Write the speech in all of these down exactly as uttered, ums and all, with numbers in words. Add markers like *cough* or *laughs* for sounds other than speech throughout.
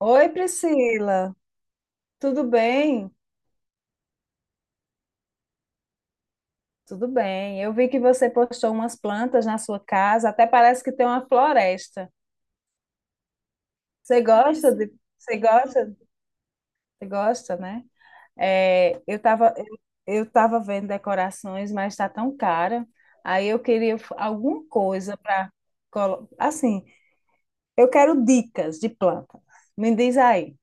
Oi, Priscila, tudo bem? Tudo bem. Eu vi que você postou umas plantas na sua casa, até parece que tem uma floresta. Você gosta de, você gosta, você gosta, né? É, eu estava eu, eu tava vendo decorações, mas está tão cara. Aí eu queria f- alguma coisa para assim, eu quero dicas de planta. Me diz aí.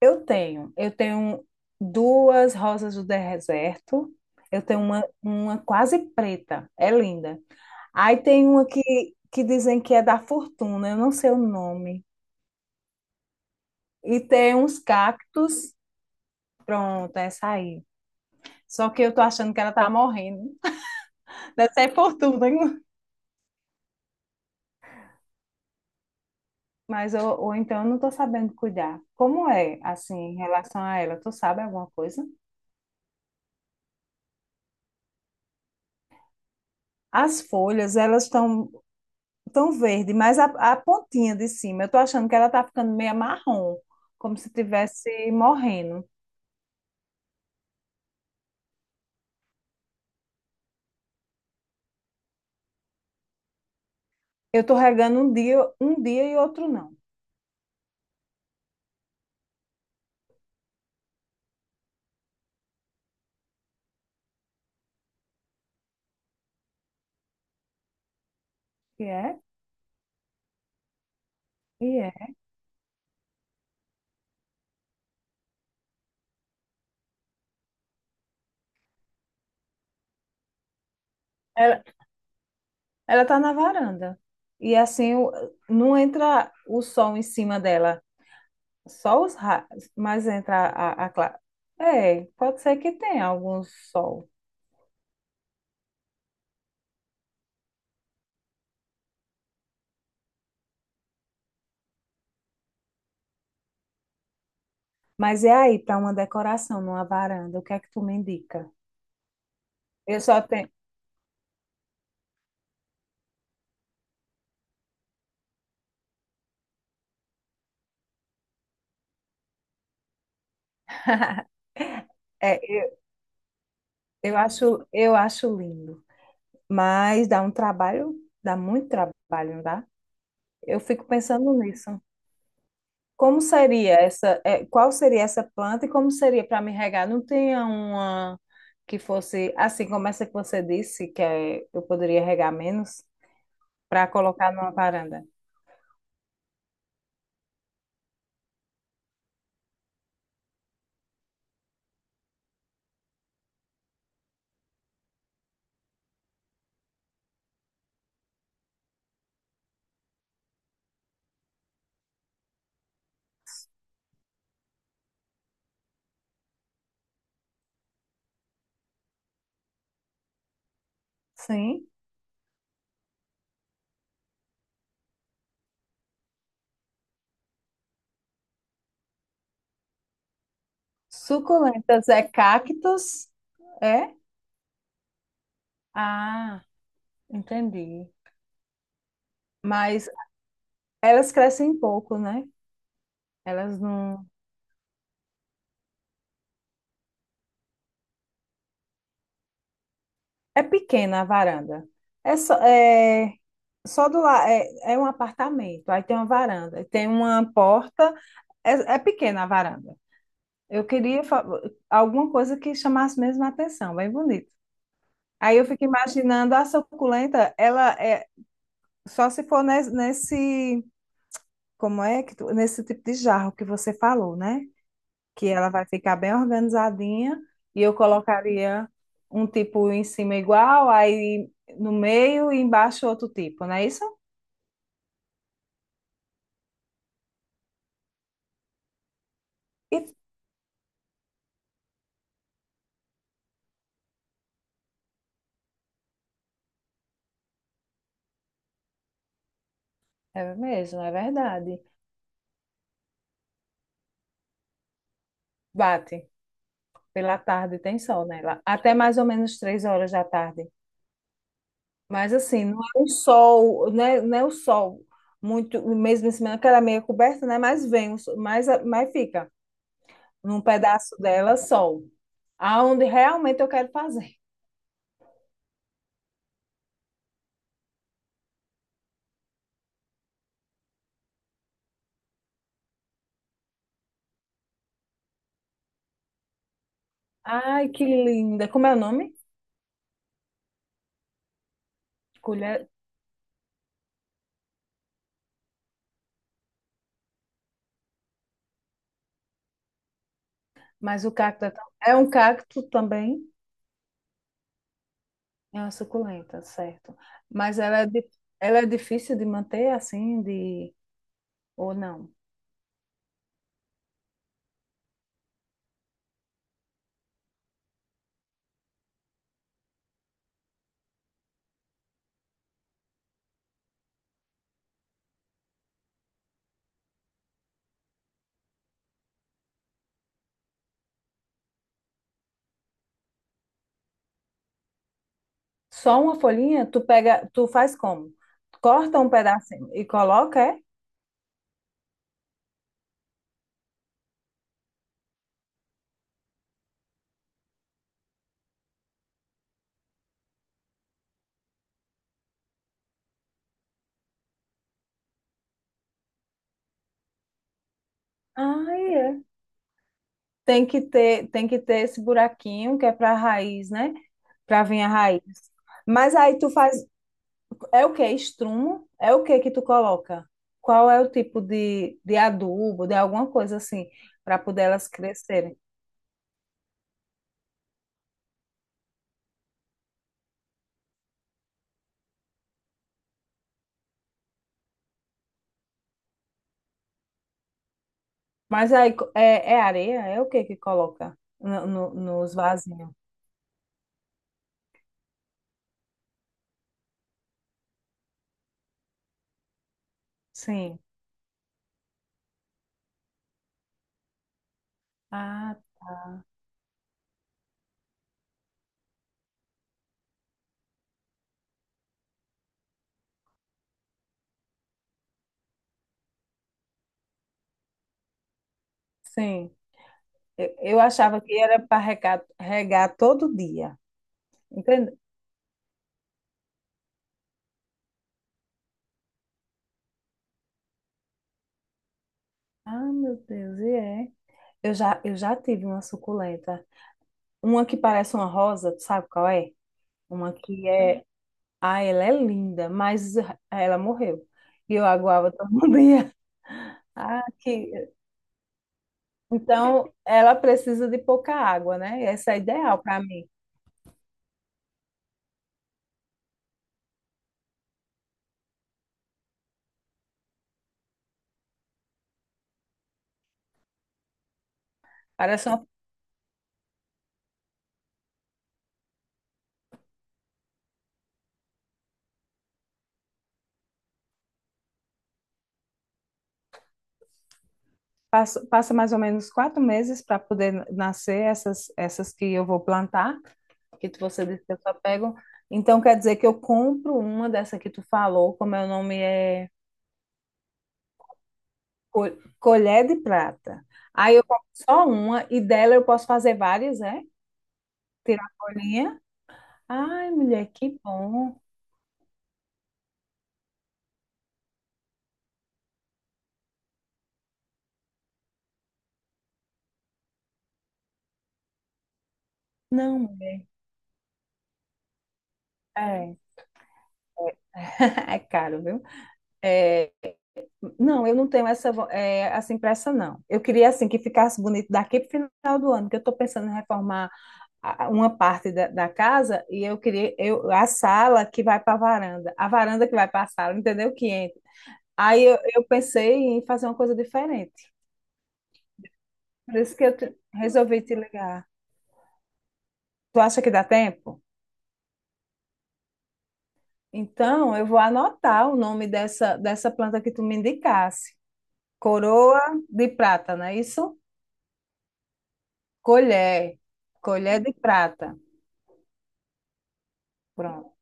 Eu tenho, eu tenho duas rosas do deserto. Eu tenho uma, uma quase preta, é linda. Aí tem uma que, que dizem que é da fortuna, eu não sei o nome. E tem uns cactos, pronto, essa aí. Só que eu tô achando que ela tá morrendo. Deve ser fortuna, hein? mas eu, ou então eu não tô sabendo cuidar. Como é, assim, em relação a ela? Tu sabe alguma coisa? As folhas, elas estão tão verde, mas a, a pontinha de cima, eu tô achando que ela tá ficando meio marrom, como se tivesse morrendo. Eu tô regando um dia, um dia e outro não. E é? E é. Ela, ela tá na varanda. E assim, o- não entra o sol em cima dela, só os raios, mas entra a, a, cla- é, pode ser que tenha algum sol. Mas é aí, para uma decoração numa varanda, o que é que tu me indica? Eu só tenho. É, eu, eu acho, eu acho lindo. Mas dá um trabalho, dá muito trabalho, não dá? Eu fico pensando nisso. Como seria essa, é, qual seria essa planta e como seria para me regar? Não tinha uma que fosse assim como essa que você disse, que é, eu poderia regar menos para colocar numa varanda? Sim. Suculentas é cactos, é? Ah, entendi. Mas elas crescem pouco, né? Elas não. É pequena a varanda. É só, é- Só do lado, é, é um apartamento, aí tem uma varanda, tem uma porta, é, é pequena a varanda. Eu queria fa- alguma coisa que chamasse mesmo a atenção, bem bonito. Aí eu fico imaginando a suculenta, ela é só se for nes- nesse, como é que tu- nesse tipo de jarro que você falou, né? Que ela vai ficar bem organizadinha e eu colocaria um tipo em cima igual, aí no meio e embaixo outro tipo, não é isso? E- É mesmo, é verdade. Bate. Pela tarde tem sol, né, lá, até mais ou menos três horas da tarde. Mas assim, não é um sol, não é, não é o sol muito, mesmo em cima, que ela é meio coberta, né? Mas vem, o sol- mas, mas fica num pedaço dela sol. Aonde realmente eu quero fazer. Ai, que linda. Como é o nome? Colher. Mas o cacto é, tão- é um cacto também. É uma suculenta, certo. Mas ela é, di- ela é difícil de manter assim, de... ou não? Só uma folhinha? Tu pega, tu faz como? Corta um pedacinho e coloca, é? Ah, é. Tem que ter, tem que ter esse buraquinho que é para a raiz, né? Para vir a raiz. Mas aí tu faz, é o que? Estrumo? É o que que tu coloca? Qual é o tipo de, de adubo, de alguma coisa assim, para poder elas crescerem? Mas aí co- é, é areia? É o que que coloca no, no- nos vasinhos? Sim. Ah, sim. Eu, eu achava que era para regar, regar todo dia. Entende? Ah, meu Deus, e é. Eu já, eu já tive uma suculenta. Uma que parece uma rosa, tu sabe qual é? Uma que é. Ah, ela é linda, mas ela morreu. E eu aguava todo *laughs* dia. Ah, que... Então, ela precisa de pouca água, né? Essa é ideal para mim. Parece uma, passa, passa mais ou menos quatro meses para poder nascer essas, essas que eu vou plantar. que tu- você disse que eu só pego. Então quer dizer que eu compro uma dessa que tu falou, como é o nome, é co- colher de prata. Aí eu compro só uma e dela eu posso fazer várias, é? Tirar a folhinha. Ai, mulher, que bom. Não, mulher. É, *laughs* é caro, viu? É, não, eu não tenho essa, vo- é, essa impressa, não. Eu queria, assim, que ficasse bonito daqui para o final do ano, que eu estou pensando em reformar a- uma parte da, da casa e eu queria eu, a sala que vai para a varanda, a varanda que vai para a sala, entendeu? Que entra. Aí eu, eu pensei em fazer uma coisa diferente. Por isso que eu te- resolvi te ligar. Tu acha que dá tempo? Então, eu vou anotar o nome dessa, dessa planta que tu me indicasse. Coroa de prata, não é isso? Colher. Colher de prata. Pronto.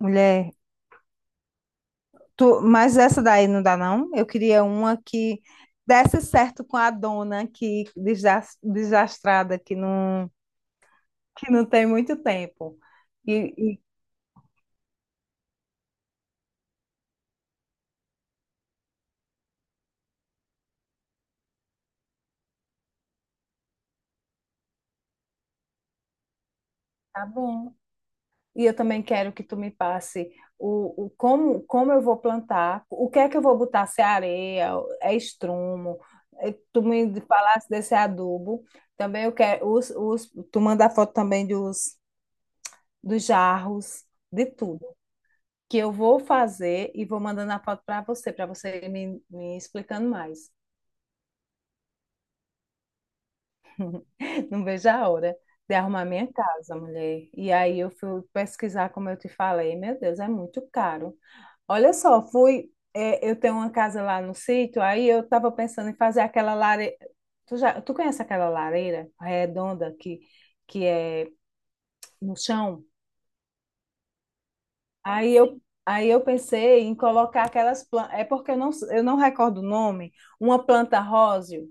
Mulher, Tu- mas essa daí não dá, não? Eu queria uma que desse certo com a dona que desas- desastrada, que não, que não tem muito tempo. E, e tá bom. E eu também quero que tu me passe o, o como, como eu vou plantar, o que é que eu vou botar, se é areia, é estrumo, é, tu me falasse desse adubo. Também eu quero, os, os, tu manda foto também dos, dos jarros, de tudo. Que eu vou fazer e vou mandando a foto para você, para você me, me explicando mais. *laughs* Não vejo a hora de arrumar minha casa, mulher. E aí eu fui pesquisar, como eu te falei, meu Deus, é muito caro. Olha só, fui. é, eu tenho uma casa lá no sítio, aí eu estava pensando em fazer aquela lareira. Tu, já, tu conhece aquela lareira redonda que, que é no chão? Aí eu, aí eu pensei em colocar aquelas plantas. É porque eu não, eu não recordo o nome, uma planta róseo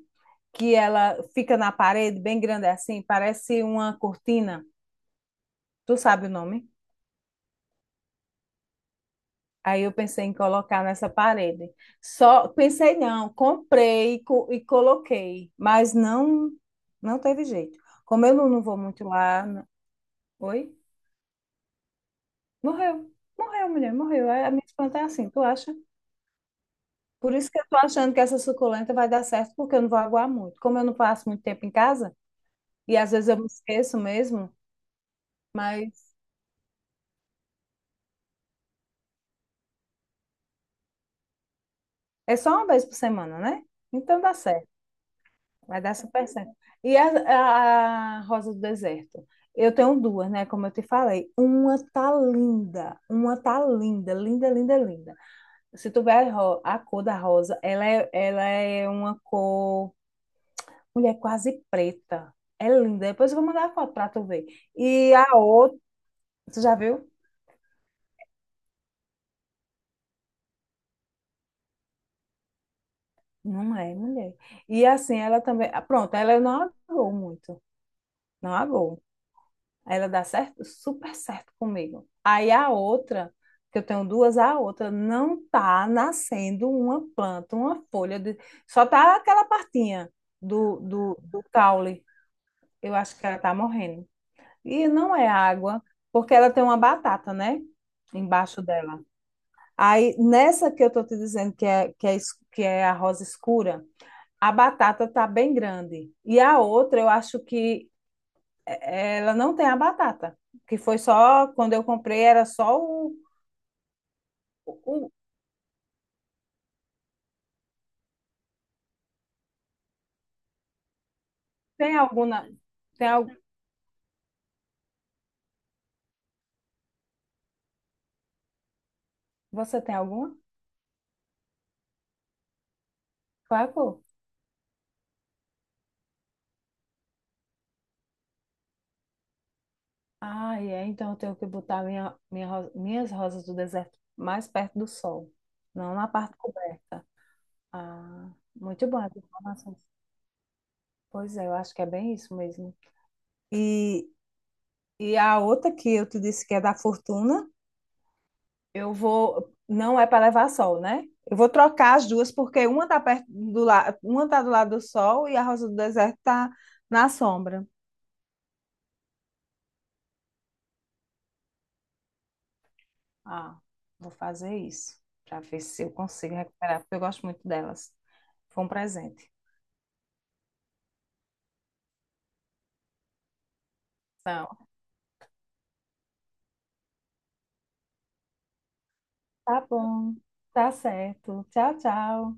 que ela fica na parede, bem grande assim, parece uma cortina. Tu sabe o nome? Aí eu pensei em colocar nessa parede. Só pensei não, comprei e, co- e coloquei, mas não não teve jeito. Como eu não, não vou muito lá, n- oi? Morreu. Morreu, mulher, morreu. A a minha planta é assim, tu acha? Por isso que eu tô achando que essa suculenta vai dar certo, porque eu não vou aguar muito. Como eu não passo muito tempo em casa, e às vezes eu me esqueço mesmo, mas é só uma vez por semana, né? Então dá certo. Vai dar super certo. E a, a Rosa do Deserto? Eu tenho duas, né? Como eu te falei. Uma tá linda. Uma tá linda, linda, linda, linda. Se tu ver a, ro- a cor da rosa, ela é, ela é uma cor. Mulher, quase preta. É linda. Depois eu vou mandar a foto pra tu ver. E a outra. Tu já viu? Não é, mulher. E assim, ela também. Ah, pronto, ela não agou muito. Não agou. Ela dá certo, super certo comigo. Aí a outra, que eu tenho duas, a outra não tá nascendo uma planta, uma folha, de... só tá aquela partinha do, do, do caule. Eu acho que ela tá morrendo. E não é água, porque ela tem uma batata, né? Embaixo dela. Aí nessa que eu tô te dizendo que é, que é, es- que é a rosa escura, a batata tá bem grande. E a outra, eu acho que ela não tem a batata, que foi só quando eu comprei, era só o. o- o- tem alguma tem al- você tem alguma? Qual é a cor? Ah, é, então eu tenho que botar minha, minha ro- minhas rosas do deserto mais perto do sol, não na parte coberta. Ah, muito bom essa informação. Pois é, eu acho que é bem isso mesmo. E, e a outra que eu te disse que é da fortuna. Eu vou. Não é para levar sol, né? Eu vou trocar as duas, porque uma tá perto do lado, uma tá do lado do sol e a rosa do deserto tá na sombra. Ah, vou fazer isso para ver se eu consigo recuperar, porque eu gosto muito delas. Foi um presente. Então, tá bom. Tá certo. Tchau, tchau.